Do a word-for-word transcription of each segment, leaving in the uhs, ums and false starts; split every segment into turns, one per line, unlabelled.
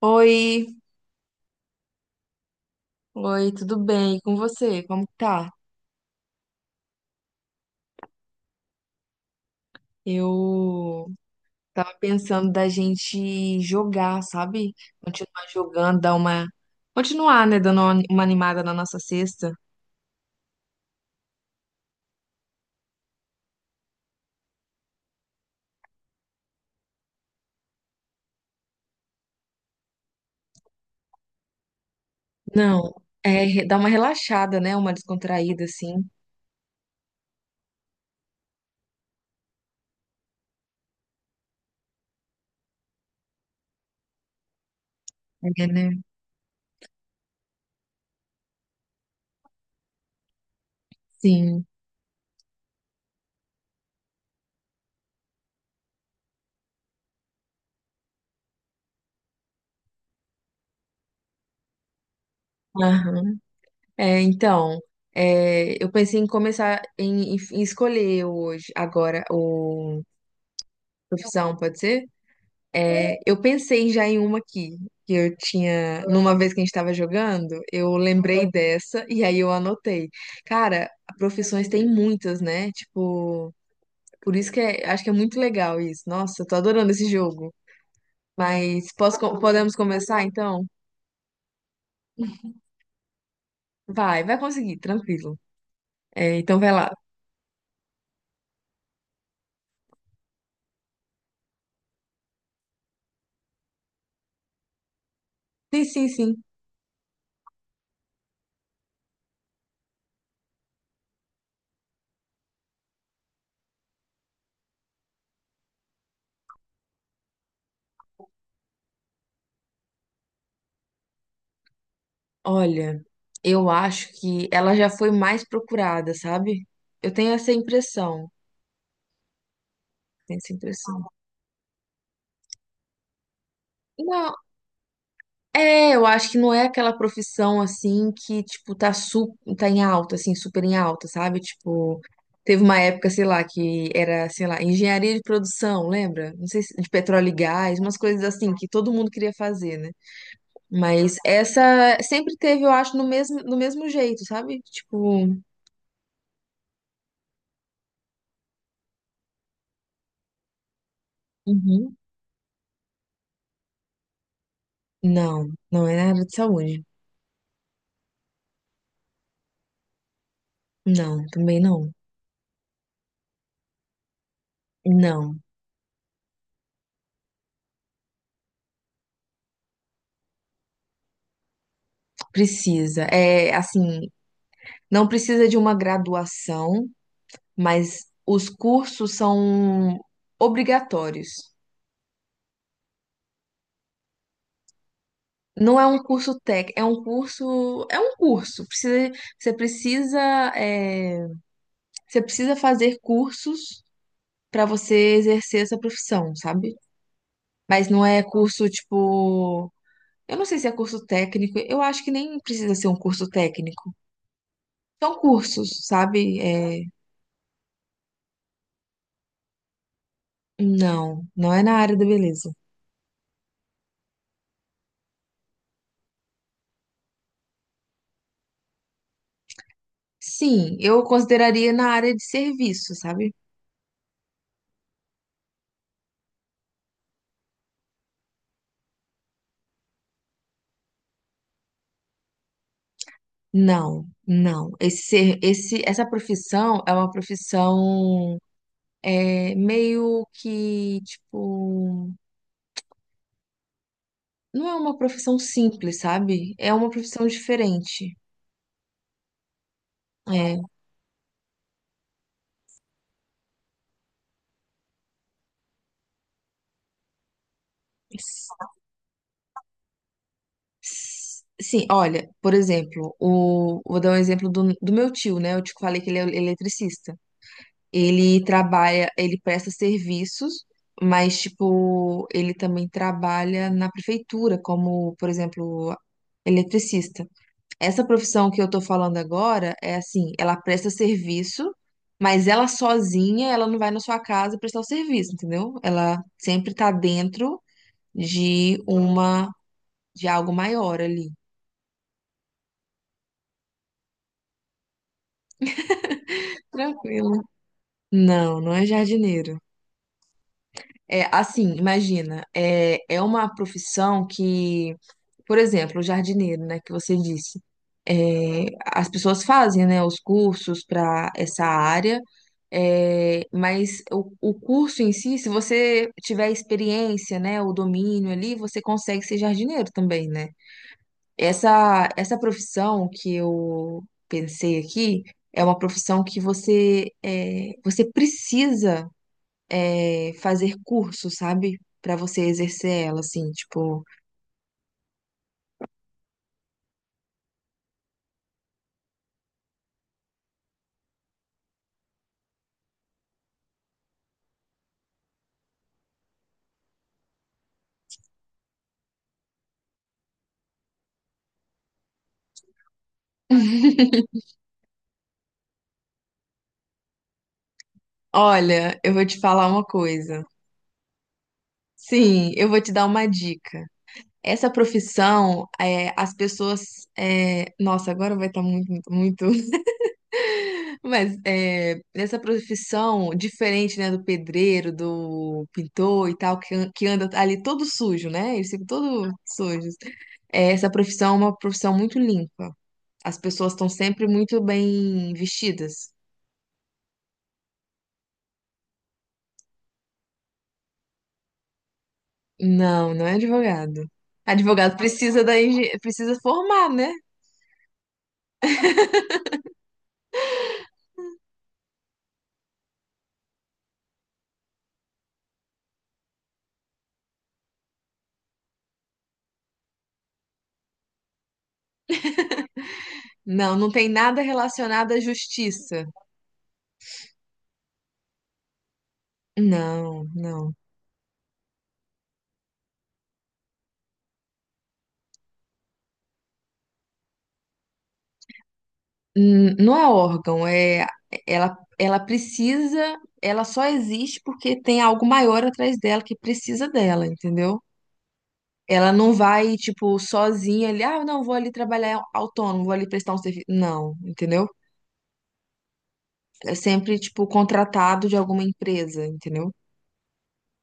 Oi, oi, tudo bem? E com você? Como que tá? Eu tava pensando da gente jogar, sabe? Continuar jogando, dar uma. Continuar, né? Dando uma uma animada na nossa sexta. Não, é re- dar uma relaxada, né? Uma descontraída, assim. É, né? Sim. Aham. É, então, é, eu pensei em começar em, em escolher hoje, agora, o profissão, pode ser? É, eu pensei já em uma aqui, que eu tinha, numa vez que a gente estava jogando, eu lembrei dessa e aí eu anotei. Cara, profissões tem muitas, né? Tipo, por isso que é, acho que é muito legal isso. Nossa, eu tô adorando esse jogo. Mas posso, co- podemos começar então? Vai, vai conseguir, tranquilo. É, então vai lá. Sim, sim, sim. Olha, eu acho que ela já foi mais procurada, sabe? Eu tenho essa impressão. Tenho essa impressão. Não. É, eu acho que não é aquela profissão assim que, tipo, tá, su tá em alta, assim, super em alta, sabe? Tipo, teve uma época, sei lá, que era, sei lá, engenharia de produção, lembra? Não sei se de petróleo e gás, umas coisas assim que todo mundo queria fazer, né? Mas essa sempre teve, eu acho, no mesmo, no mesmo jeito, sabe? Tipo, uhum. Não, não é na área de saúde. Não, também não. Não, precisa. É assim, não precisa de uma graduação. Mas os cursos são obrigatórios. Não é um curso técnico, é um curso, é um curso. Precisa, você precisa, é, você precisa fazer cursos para você exercer essa profissão, sabe? Mas não é curso tipo, eu não sei se é curso técnico. Eu acho que nem precisa ser um curso técnico. São cursos, sabe? É, não, não é na área da beleza. Sim, eu consideraria na área de serviço, sabe? Não, não. Esse, esse, essa profissão é uma profissão é, meio que, tipo, não é uma profissão simples, sabe? É uma profissão diferente. É. S- s- Sim, olha, por exemplo, o, vou dar um exemplo do, do meu tio, né? Eu te falei que ele é eletricista. Ele trabalha, ele presta serviços, mas, tipo, ele também trabalha na prefeitura, como, por exemplo, eletricista. Essa profissão que eu tô falando agora é assim, ela presta serviço, mas ela sozinha, ela não vai na sua casa prestar o serviço, entendeu? Ela sempre tá dentro de uma, de algo maior ali. Tranquilo. Não, não é jardineiro. É, assim, imagina, é, é uma profissão que, por exemplo, o jardineiro, né, que você disse, é, as pessoas fazem, né, os cursos para essa área, é, mas o, o curso em si, se você tiver experiência, né, o domínio ali, você consegue ser jardineiro também, né? Essa, essa profissão que eu pensei aqui é uma profissão que você, é, você precisa é, fazer curso, sabe? Pra você exercer ela, assim, tipo, olha, eu vou te falar uma coisa. Sim, eu vou te dar uma dica. Essa profissão, é, as pessoas. É, nossa, agora vai estar muito, muito, muito. Mas é, essa profissão, diferente, né, do pedreiro, do pintor e tal, que, an- que anda ali todo sujo, né? Eles ficam todos sujos. É, essa profissão é uma profissão muito limpa. As pessoas estão sempre muito bem vestidas. Não, não é advogado. Advogado precisa da engen- precisa formar, né? Não, não tem nada relacionado à justiça. Não, não. N- Não é órgão, é ela ela precisa, ela só existe porque tem algo maior atrás dela que precisa dela, entendeu? Ela não vai, tipo, sozinha ali, ah, não, vou ali trabalhar autônomo, vou ali prestar um serviço. Não, entendeu? É sempre, tipo, contratado de alguma empresa, entendeu?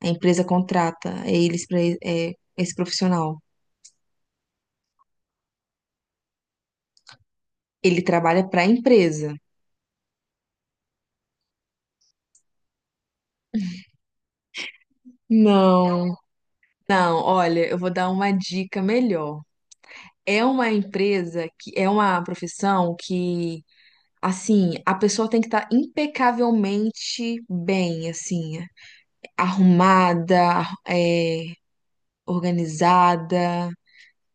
A empresa contrata eles para esse profissional. Ele trabalha para a empresa. Não, não, olha, eu vou dar uma dica melhor. É uma empresa que é uma profissão que, assim, a pessoa tem que estar impecavelmente bem, assim, arrumada, é, organizada,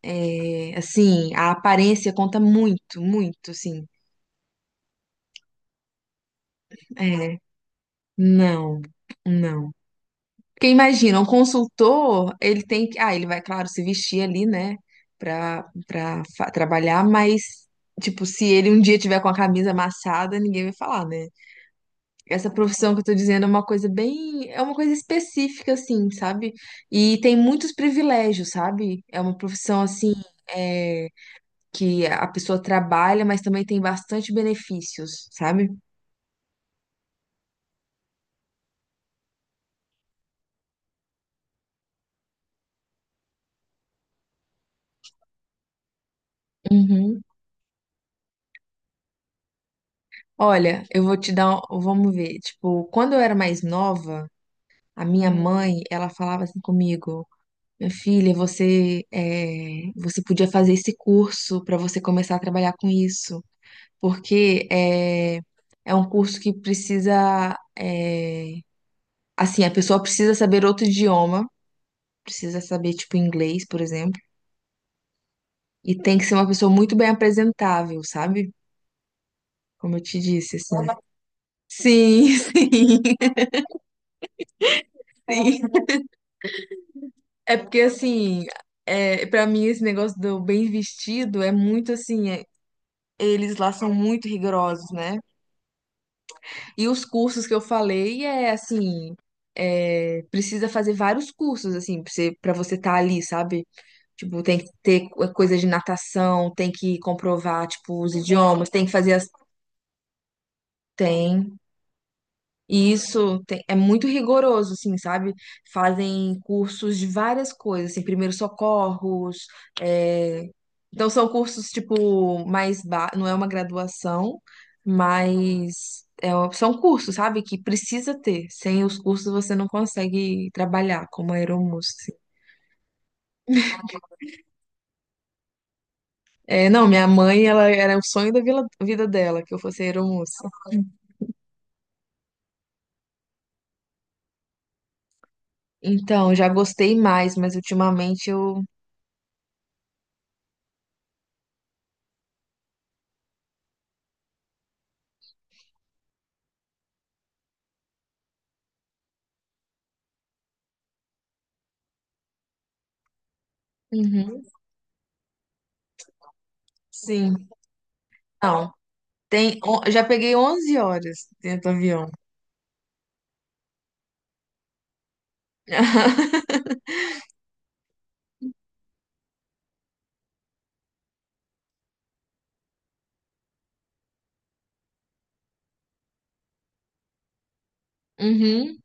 é, assim, a aparência conta muito, muito, assim. É, não, não. Porque imagina, um consultor, ele tem que. Ah, ele vai, claro, se vestir ali, né, pra, pra fa- trabalhar, mas, tipo, se ele um dia tiver com a camisa amassada, ninguém vai falar, né? Essa profissão que eu tô dizendo é uma coisa bem. É uma coisa específica, assim, sabe? E tem muitos privilégios, sabe? É uma profissão, assim, é, que a pessoa trabalha, mas também tem bastante benefícios, sabe? Uhum. Olha, eu vou te dar. um- Vamos ver. Tipo, quando eu era mais nova. A minha mãe, ela falava assim comigo, minha filha, você é, você podia fazer esse curso para você começar a trabalhar com isso, porque é, é um curso que precisa, é, assim, a pessoa precisa saber outro idioma, precisa saber tipo inglês, por exemplo, e tem que ser uma pessoa muito bem apresentável, sabe? Como eu te disse, assim. Sim, sim, sim. É porque assim, é, para mim esse negócio do bem vestido é muito assim. é eles lá são muito rigorosos, né? E os cursos que eu falei é assim, é, precisa fazer vários cursos assim para você para você estar ali, sabe? Tipo, tem que ter co- coisa de natação, tem que comprovar tipo os idiomas, tem que fazer as. Tem E isso tem- é muito rigoroso, assim, sabe? Fazem cursos de várias coisas, assim, primeiros socorros. é, Então, são cursos, tipo, mais. Ba... Não é uma graduação, mas é um- são cursos, sabe? Que precisa ter. Sem os cursos, você não consegue trabalhar como aeromoça, assim. É, não, minha mãe, ela era o sonho da vila- vida dela, que eu fosse aeromoça. Então, já gostei mais, mas ultimamente eu. Uhum, sim. Não. Tem, on- já peguei onze horas dentro do avião. Uhum,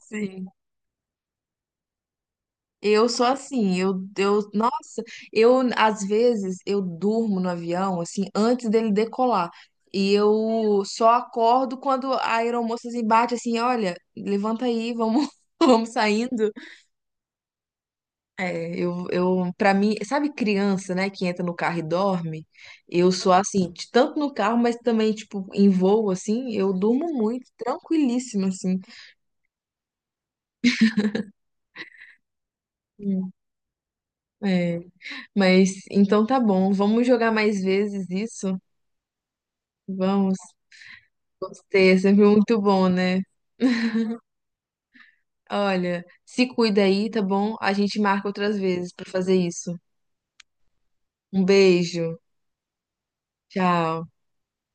sim. Eu sou assim, eu, eu, nossa, eu, às vezes, eu durmo no avião, assim, antes dele decolar. E eu só acordo quando a aeromoça assim, bate assim, olha, levanta aí, vamos, vamos saindo. É, eu, eu, pra mim, sabe criança, né, que entra no carro e dorme? Eu sou assim, de- tanto no carro, mas também, tipo, em voo, assim, eu durmo muito, tranquilíssima, assim. Hum, É, mas então tá bom. Vamos jogar mais vezes isso? Vamos. Gostei, é sempre muito bom, né? Olha, se cuida aí, tá bom? A gente marca outras vezes pra fazer isso. Um beijo. Tchau.